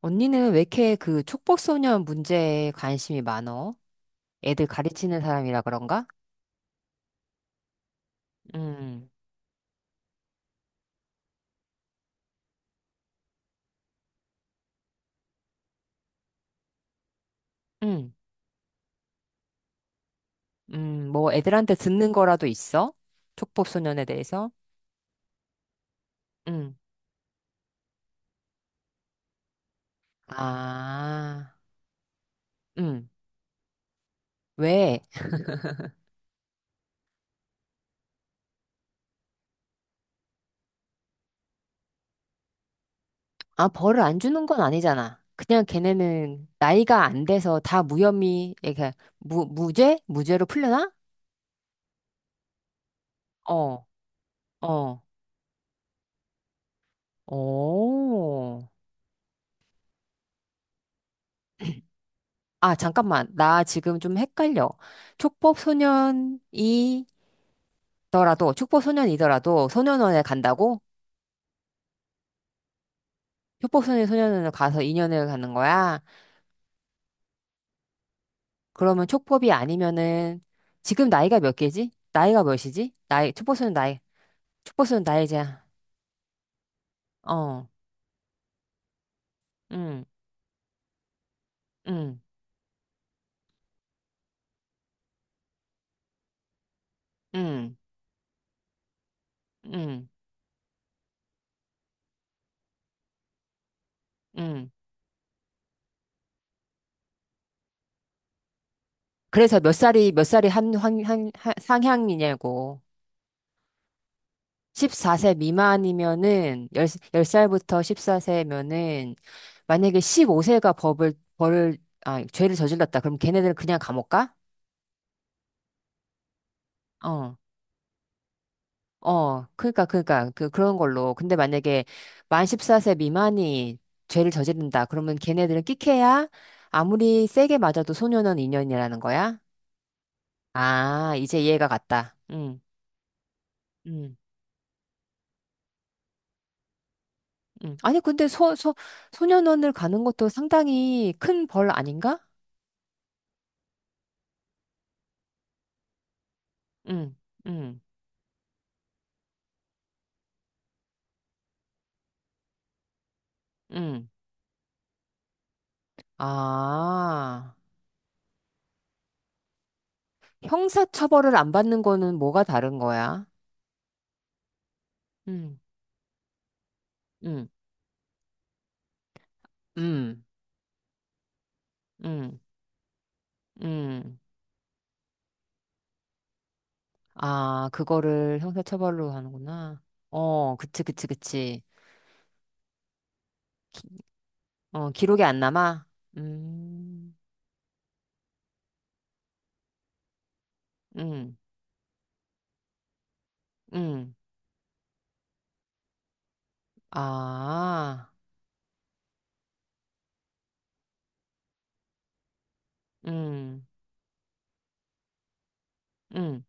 언니는 왜 이렇게 그 촉법소년 문제에 관심이 많어? 애들 가르치는 사람이라 그런가? 음. 음. 음. 뭐 애들한테 듣는 거라도 있어? 촉법소년에 대해서? 음. 아, 음. 왜? 아, 벌을 안 주는 건 아니잖아. 그냥 걔네는 나이가 안 돼서 다 무혐의, 이렇게 무죄? 무죄로 풀려나? 어. 어. 오. 아, 잠깐만. 나 지금 좀 헷갈려. 촉법소년이 촉법소년이더라도 소년원에 간다고? 촉법소년 소년원에 가서 2년을 가는 거야? 그러면 촉법이 아니면은 지금 나이가 몇 개지? 나이가 몇이지? 나이 촉법소년 나이 촉법소년 나이자. 어. 응. 응. 응. 응. 응. 그래서 몇 살이 상향이냐고. 14세 미만이면은 10, 살부터 14세면은 만약에 15세가 법을 벌을 아 죄를 저질렀다. 그럼 걔네들은 그냥 감옥 가? 어, 어, 그러니까, 그런 걸로. 근데 만약에 만 14세 미만이 죄를 저지른다. 그러면 걔네들은 끽해야 아무리 세게 맞아도 소년원 인연이라는 거야? 아, 이제 이해가 갔다. 응. 응. 응. 아니, 근데 소년원을 가는 것도 상당히 큰 벌 아닌가? 응. 응. 응. 아, 형사처벌을 안 받는 거는 뭐가 다른 거야? 응. 응. 응. 응. 응. 아, 그거를 형사처벌로 하는구나. 어, 그치, 그치, 그치. 기- 어, 기록이 안 남아? 음. 음. 음. 아, 음. 음.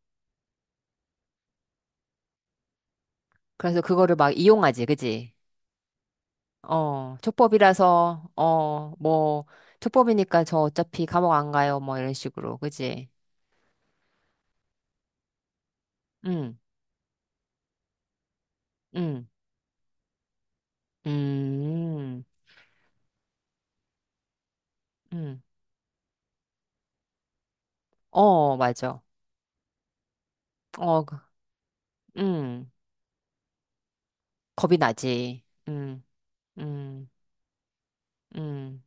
그래서 그거를 막 이용하지, 그치? 어, 촉법이라서, 어, 뭐. 촉법이니까 저 어차피 감옥 안 가요, 뭐, 이런 식으로, 그치? 음. 음. 음. 음. 어, 맞아. 어, 음. 겁이 나지. 음. 음. 음.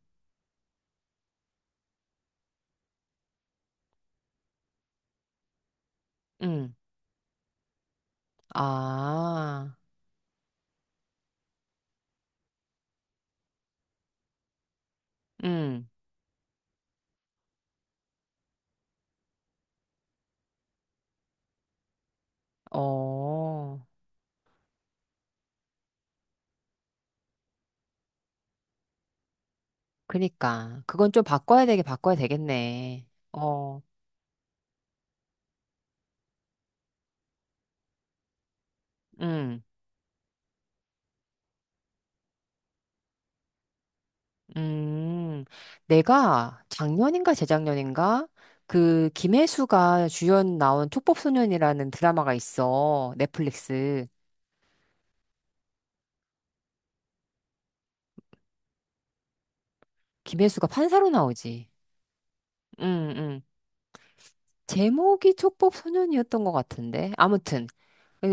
응. 아, 응. 어, 그니까. 그건 좀 바꿔야 되게 바꿔야 되겠네. 어. 응. 음. 내가 작년인가 재작년인가? 그 김혜수가 주연 나온 촉법소년이라는 드라마가 있어. 넷플릭스. 김혜수가 판사로 나오지. 응. 응. 제목이 촉법소년이었던 것 같은데. 아무튼.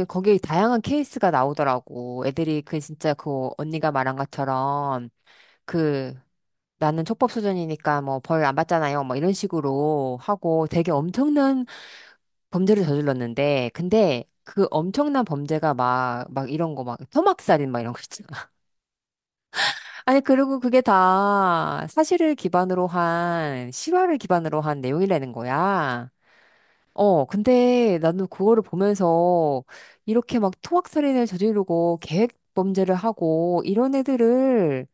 거기에 다양한 케이스가 나오더라고. 애들이 그 진짜 그 언니가 말한 것처럼 그 나는 촉법소년이니까 뭐 벌 안 받잖아요. 뭐 이런 식으로 하고 되게 엄청난 범죄를 저질렀는데 근데 그 엄청난 범죄가 막 막 이런 거 막 토막살인 막 이런 거 있잖아. 아니, 그리고 그게 다 사실을 기반으로 한 실화를 기반으로 한 내용이라는 거야. 어, 근데 나도 그거를 보면서 이렇게 막 토막살인을 저지르고 계획 범죄를 하고 이런 애들을,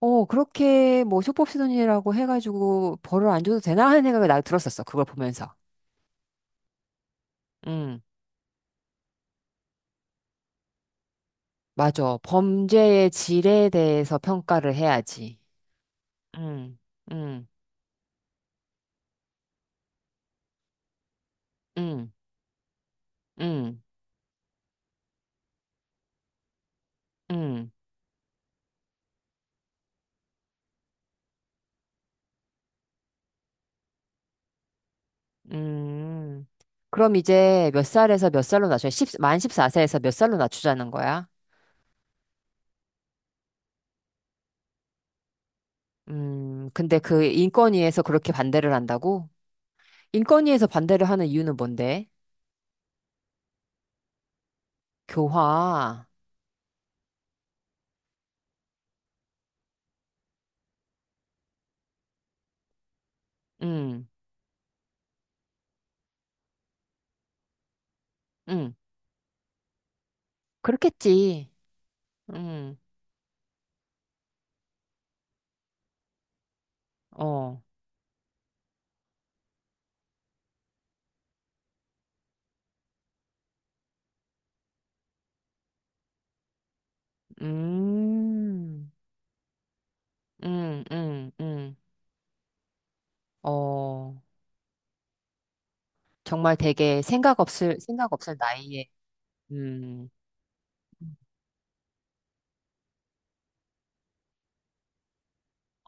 어, 그렇게 뭐 소법시도니라고 해가지고 벌을 안 줘도 되나 하는 생각이 나 들었었어. 그걸 보면서. 응, 맞아. 범죄의 질에 대해서 평가를 해야지. 응. 응. 응. 응. 응. 응. 그럼 이제 몇 살에서 몇 살로 낮춰? 십만 14세에서 몇 살로 낮추자는 거야? 근데 그 인권위에서 그렇게 반대를 한다고? 인권위에서 반대를 하는 이유는 뭔데? 교화. 응, 응, 그렇겠지. 음. 어. 음. 음. 음. 음. 어. 정말 되게 생각 없을 나이에. 음.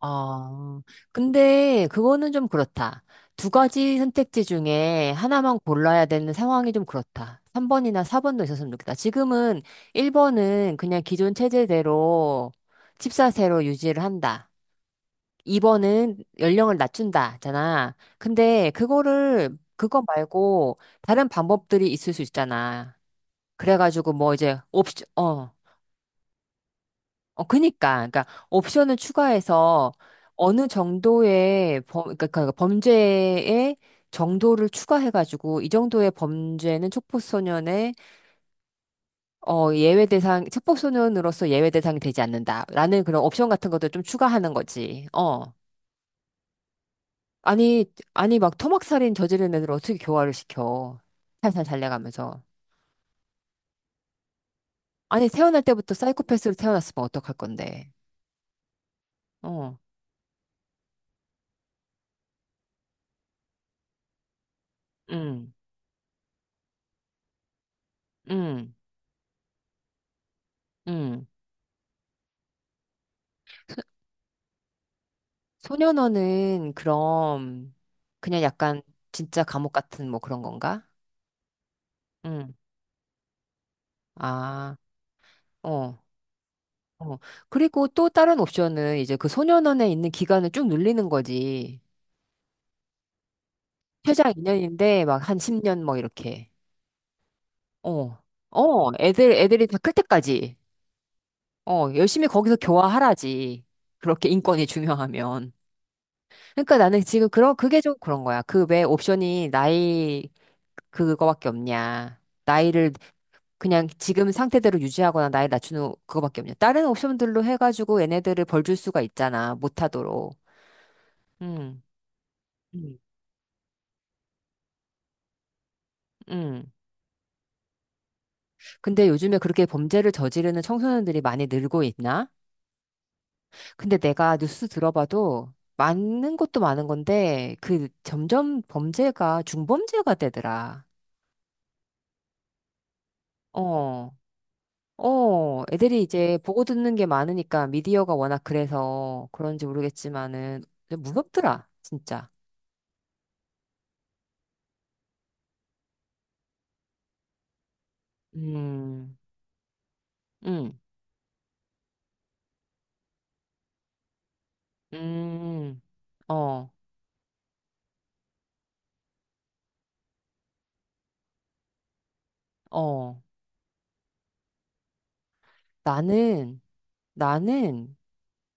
아, 근데 그거는 좀 그렇다. 두 가지 선택지 중에 하나만 골라야 되는 상황이 좀 그렇다. 3번이나 4번도 있었으면 좋겠다. 지금은 1번은 그냥 기존 체제대로 집사세로 유지를 한다. 2번은 연령을 낮춘다잖아. 근데 그거 말고 다른 방법들이 있을 수 있잖아. 그래가지고 뭐 이제 옵션. 어. 어 그니까 그러니까 옵션을 추가해서 어느 정도의 범 그러니까 그 범죄의 정도를 추가해가지고, 이 정도의 범죄는 촉법소년의 어 예외 대상 촉법소년으로서 예외 대상이 되지 않는다라는 그런 옵션 같은 것도 좀 추가하는 거지. 어. 아니, 아니, 막 토막살인 저지른 애들 어떻게 교화를 시켜? 살살 달래가면서. 아니, 태어날 때부터 사이코패스로 태어났으면 어떡할 건데. 어. 응. 응. 응. 소년원은 그럼 그냥 약간 진짜 감옥 같은 뭐 그런 건가? 응. 아. 어. 어. 그리고 또 다른 옵션은 이제 그 소년원에 있는 기간을 쭉 늘리는 거지. 최장 2년인데 막 한 10년 뭐 이렇게. 어, 어, 애들이 다 클 때까지. 어, 열심히 거기서 교화하라지. 그렇게 인권이 중요하면. 그러니까 나는 지금 그게 좀 그런 거야. 그 왜 옵션이 나이, 그거밖에 없냐. 나이를 그냥 지금 상태대로 유지하거나 나이 낮추는 그거밖에 없냐. 다른 옵션들로 해가지고 얘네들을 벌줄 수가 있잖아. 못하도록. 음. 음. 음. 근데 요즘에 그렇게 범죄를 저지르는 청소년들이 많이 늘고 있나? 근데 내가 뉴스 들어봐도 많은 것도 많은 건데 그 점점 범죄가 중범죄가 되더라. 어. 어, 애들이 이제 보고 듣는 게 많으니까 미디어가 워낙 그래서 그런지 모르겠지만은 좀 무섭더라, 진짜. 음. 음. 음. 어. 어. 나는, 나는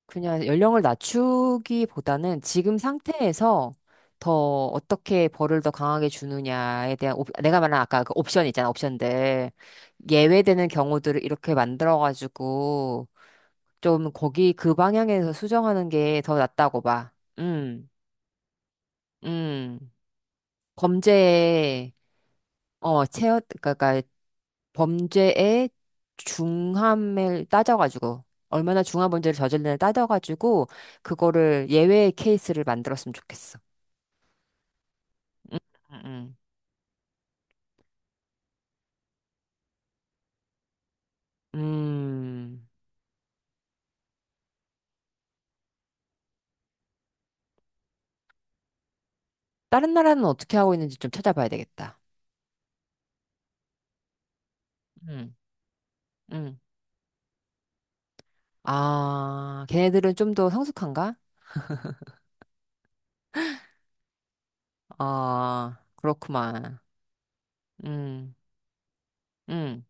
그냥 연령을 낮추기보다는 지금 상태에서 더 어떻게 벌을 더 강하게 주느냐에 대한 내가 말한 아까 그 옵션 있잖아, 옵션들. 예외되는 경우들을 이렇게 만들어가지고 좀 거기 그 방향에서 수정하는 게 더 낫다고 봐. 음. 음. 범죄에, 어, 체워 그러니까 범죄의 중함을 따져가지고 얼마나 중한 범죄를 저질렀나 따져가지고 그거를 예외의 케이스를 만들었으면 좋겠어. 음. 음. 음. 다른 나라는 어떻게 하고 있는지 좀 찾아봐야 되겠다. 음. 음. 아, 걔네들은 좀 더 성숙한가? 아, 그렇구만. 음. 음.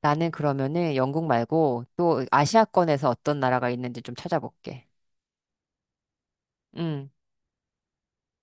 나는 그러면은 영국 말고 또 아시아권에서 어떤 나라가 있는지 좀 찾아볼게. 음.